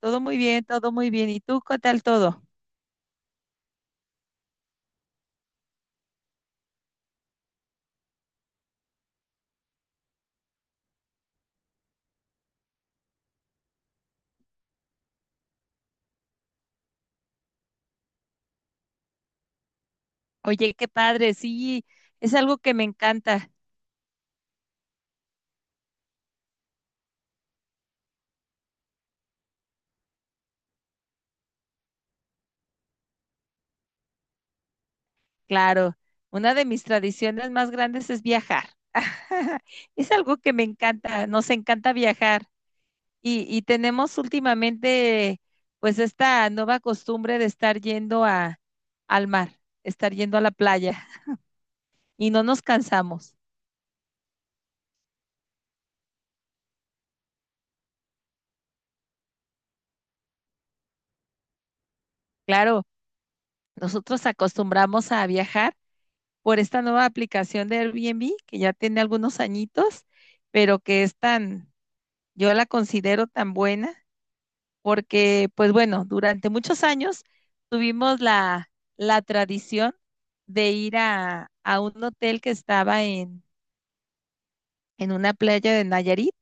Todo muy bien, todo muy bien. ¿Y tú qué tal todo? Oye, qué padre, sí, es algo que me encanta, claro. Una de mis tradiciones más grandes es viajar. Es algo que me encanta, nos encanta viajar. Y tenemos últimamente, pues, esta nueva costumbre de estar yendo al mar, estar yendo a la playa y no nos cansamos. Claro, nosotros acostumbramos a viajar por esta nueva aplicación de Airbnb que ya tiene algunos añitos, pero que es tan, yo la considero tan buena porque, pues bueno, durante muchos años tuvimos la tradición de ir a un hotel que estaba en una playa de Nayarit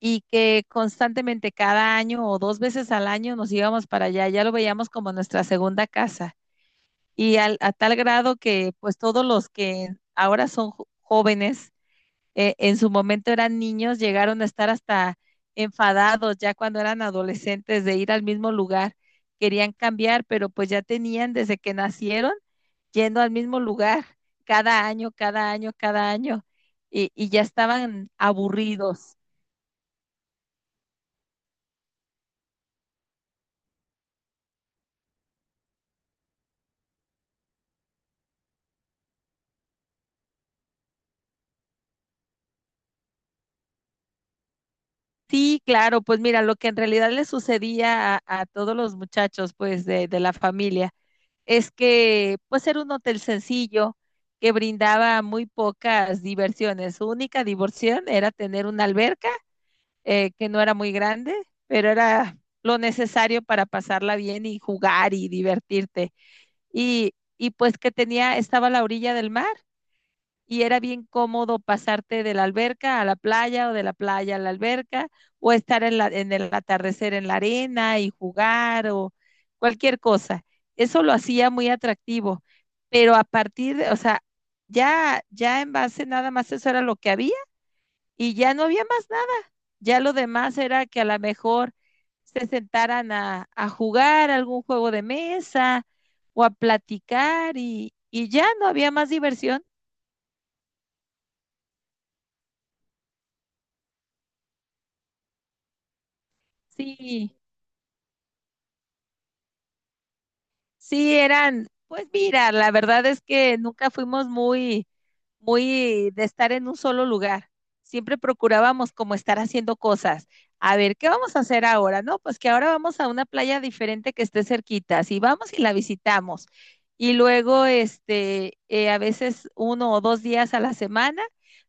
y que constantemente cada año o dos veces al año nos íbamos para allá, ya lo veíamos como nuestra segunda casa. Y a tal grado que pues todos los que ahora son jóvenes en su momento eran niños, llegaron a estar hasta enfadados ya cuando eran adolescentes de ir al mismo lugar. Querían cambiar, pero pues ya tenían desde que nacieron yendo al mismo lugar cada año, cada año, cada año y ya estaban aburridos. Sí, claro, pues mira, lo que en realidad le sucedía a todos los muchachos pues de la familia es que pues era un hotel sencillo que brindaba muy pocas diversiones. Su única diversión era tener una alberca que no era muy grande, pero era lo necesario para pasarla bien y jugar y divertirte. Y, y pues que tenía, estaba a la orilla del mar y era bien cómodo pasarte de la alberca a la playa o de la playa a la alberca o estar en el atardecer en la arena y jugar o cualquier cosa. Eso lo hacía muy atractivo, pero a partir de, o sea, ya en base nada más eso era lo que había y ya no había más nada. Ya lo demás era que a lo mejor se sentaran a jugar algún juego de mesa o a platicar y ya no había más diversión. Sí, sí, eran, pues mira, la verdad es que nunca fuimos muy, muy de estar en un solo lugar. Siempre procurábamos como estar haciendo cosas. A ver, ¿qué vamos a hacer ahora? No, pues que ahora vamos a una playa diferente que esté cerquita. Si vamos y la visitamos. Y luego, este, a veces uno o dos días a la semana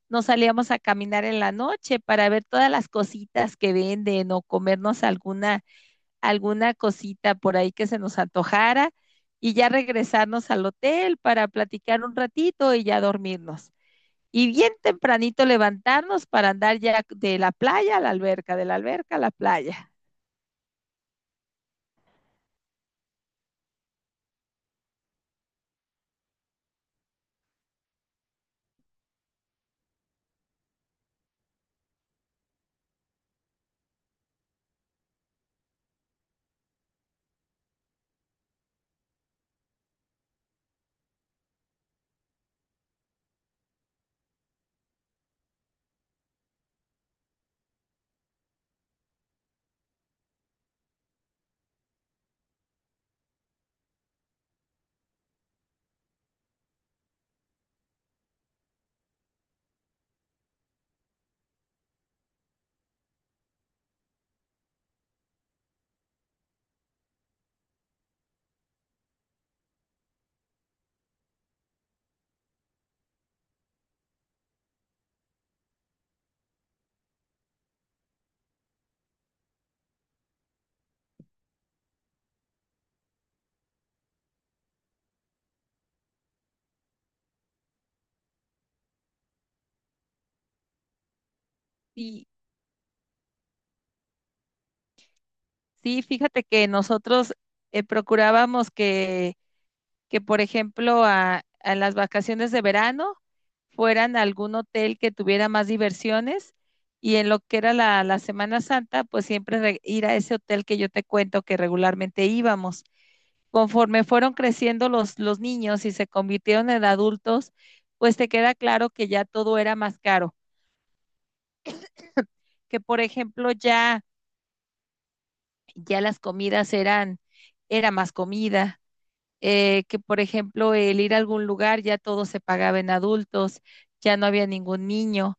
nos salíamos a caminar en la noche para ver todas las cositas que venden o comernos alguna alguna cosita por ahí que se nos antojara y ya regresarnos al hotel para platicar un ratito y ya dormirnos. Y bien tempranito levantarnos para andar ya de la playa a la alberca, de la alberca a la playa. Y sí, fíjate que nosotros procurábamos que, por ejemplo, a las vacaciones de verano fueran a algún hotel que tuviera más diversiones y en lo que era la Semana Santa, pues siempre ir a ese hotel que yo te cuento que regularmente íbamos. Conforme fueron creciendo los niños y se convirtieron en adultos, pues te queda claro que ya todo era más caro, que por ejemplo ya las comidas eran, era más comida, que por ejemplo el ir a algún lugar ya todo se pagaba en adultos, ya no había ningún niño,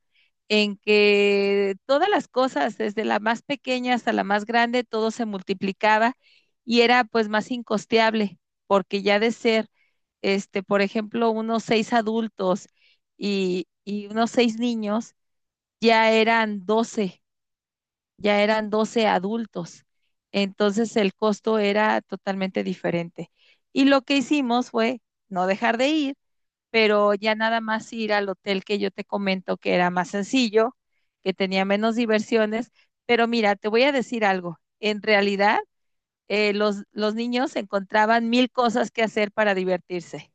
en que todas las cosas, desde la más pequeña hasta la más grande, todo se multiplicaba y era pues más incosteable, porque ya de ser, este, por ejemplo, unos seis adultos y unos seis niños, ya eran doce ya eran 12 adultos. Entonces el costo era totalmente diferente. Y lo que hicimos fue no dejar de ir, pero ya nada más ir al hotel que yo te comento que era más sencillo, que tenía menos diversiones. Pero mira, te voy a decir algo. En realidad, los niños encontraban mil cosas que hacer para divertirse.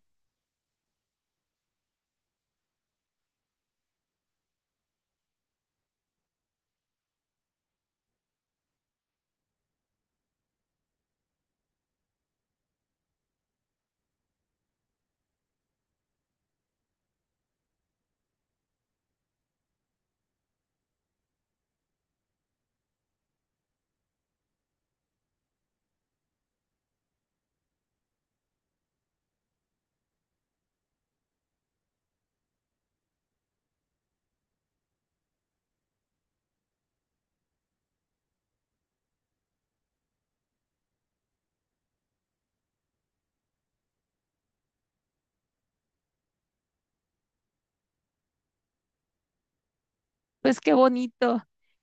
Pues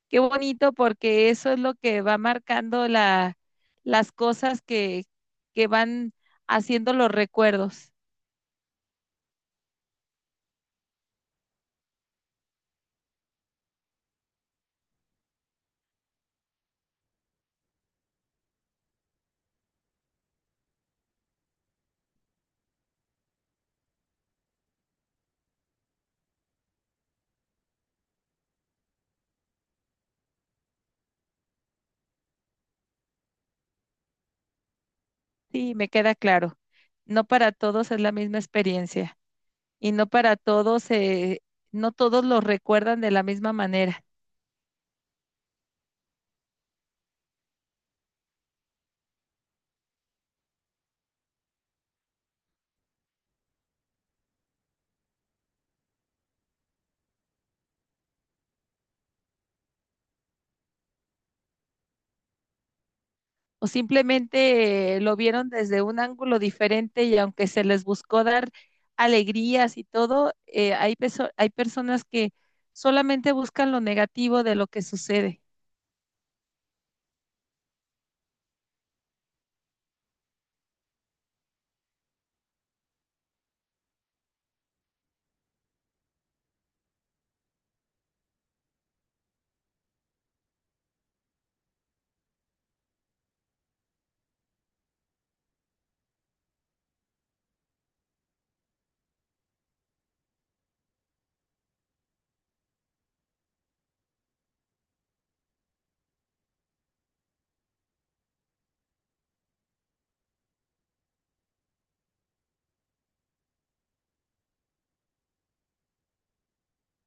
qué bonito porque eso es lo que va marcando las cosas que van haciendo los recuerdos. Sí, me queda claro. No para todos es la misma experiencia y no para todos, no todos lo recuerdan de la misma manera o simplemente lo vieron desde un ángulo diferente y aunque se les buscó dar alegrías y todo, hay personas que solamente buscan lo negativo de lo que sucede.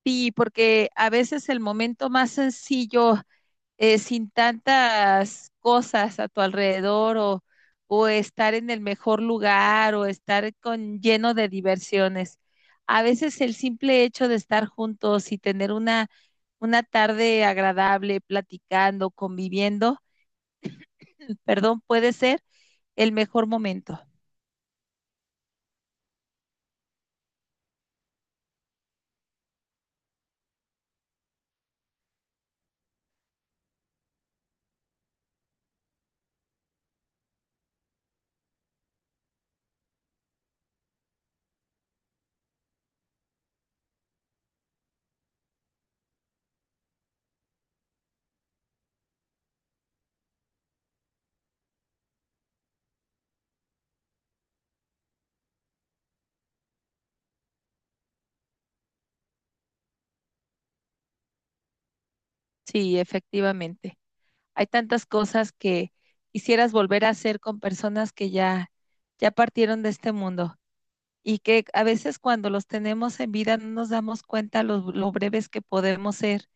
Sí, porque a veces el momento más sencillo, sin tantas cosas a tu alrededor o estar en el mejor lugar o estar con lleno de diversiones. A veces el simple hecho de estar juntos y tener una tarde agradable, platicando, conviviendo, perdón, puede ser el mejor momento. Sí, efectivamente. Hay tantas cosas que quisieras volver a hacer con personas que ya partieron de este mundo y que a veces cuando los tenemos en vida no nos damos cuenta lo breves que podemos ser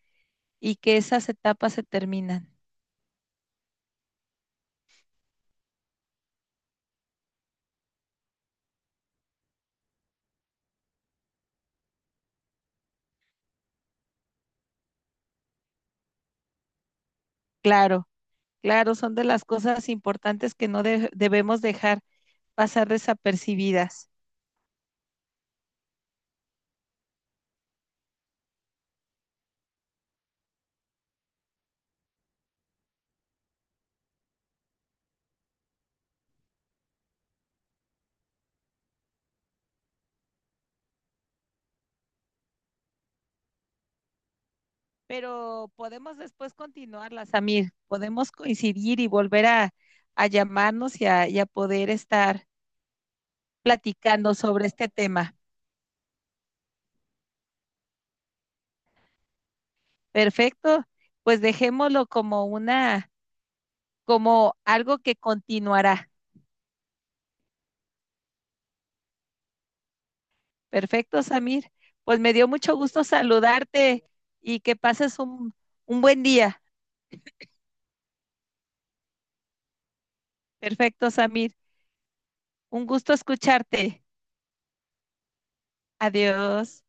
y que esas etapas se terminan. Claro, claro, son de las cosas importantes que no debemos dejar pasar desapercibidas. Pero podemos después continuarlas, Samir. Podemos coincidir y volver a llamarnos y a poder estar platicando sobre este tema. Perfecto, pues dejémoslo como una, como algo que continuará. Perfecto, Samir. Pues me dio mucho gusto saludarte y que pases un buen día. Perfecto, Samir. Un gusto escucharte. Adiós.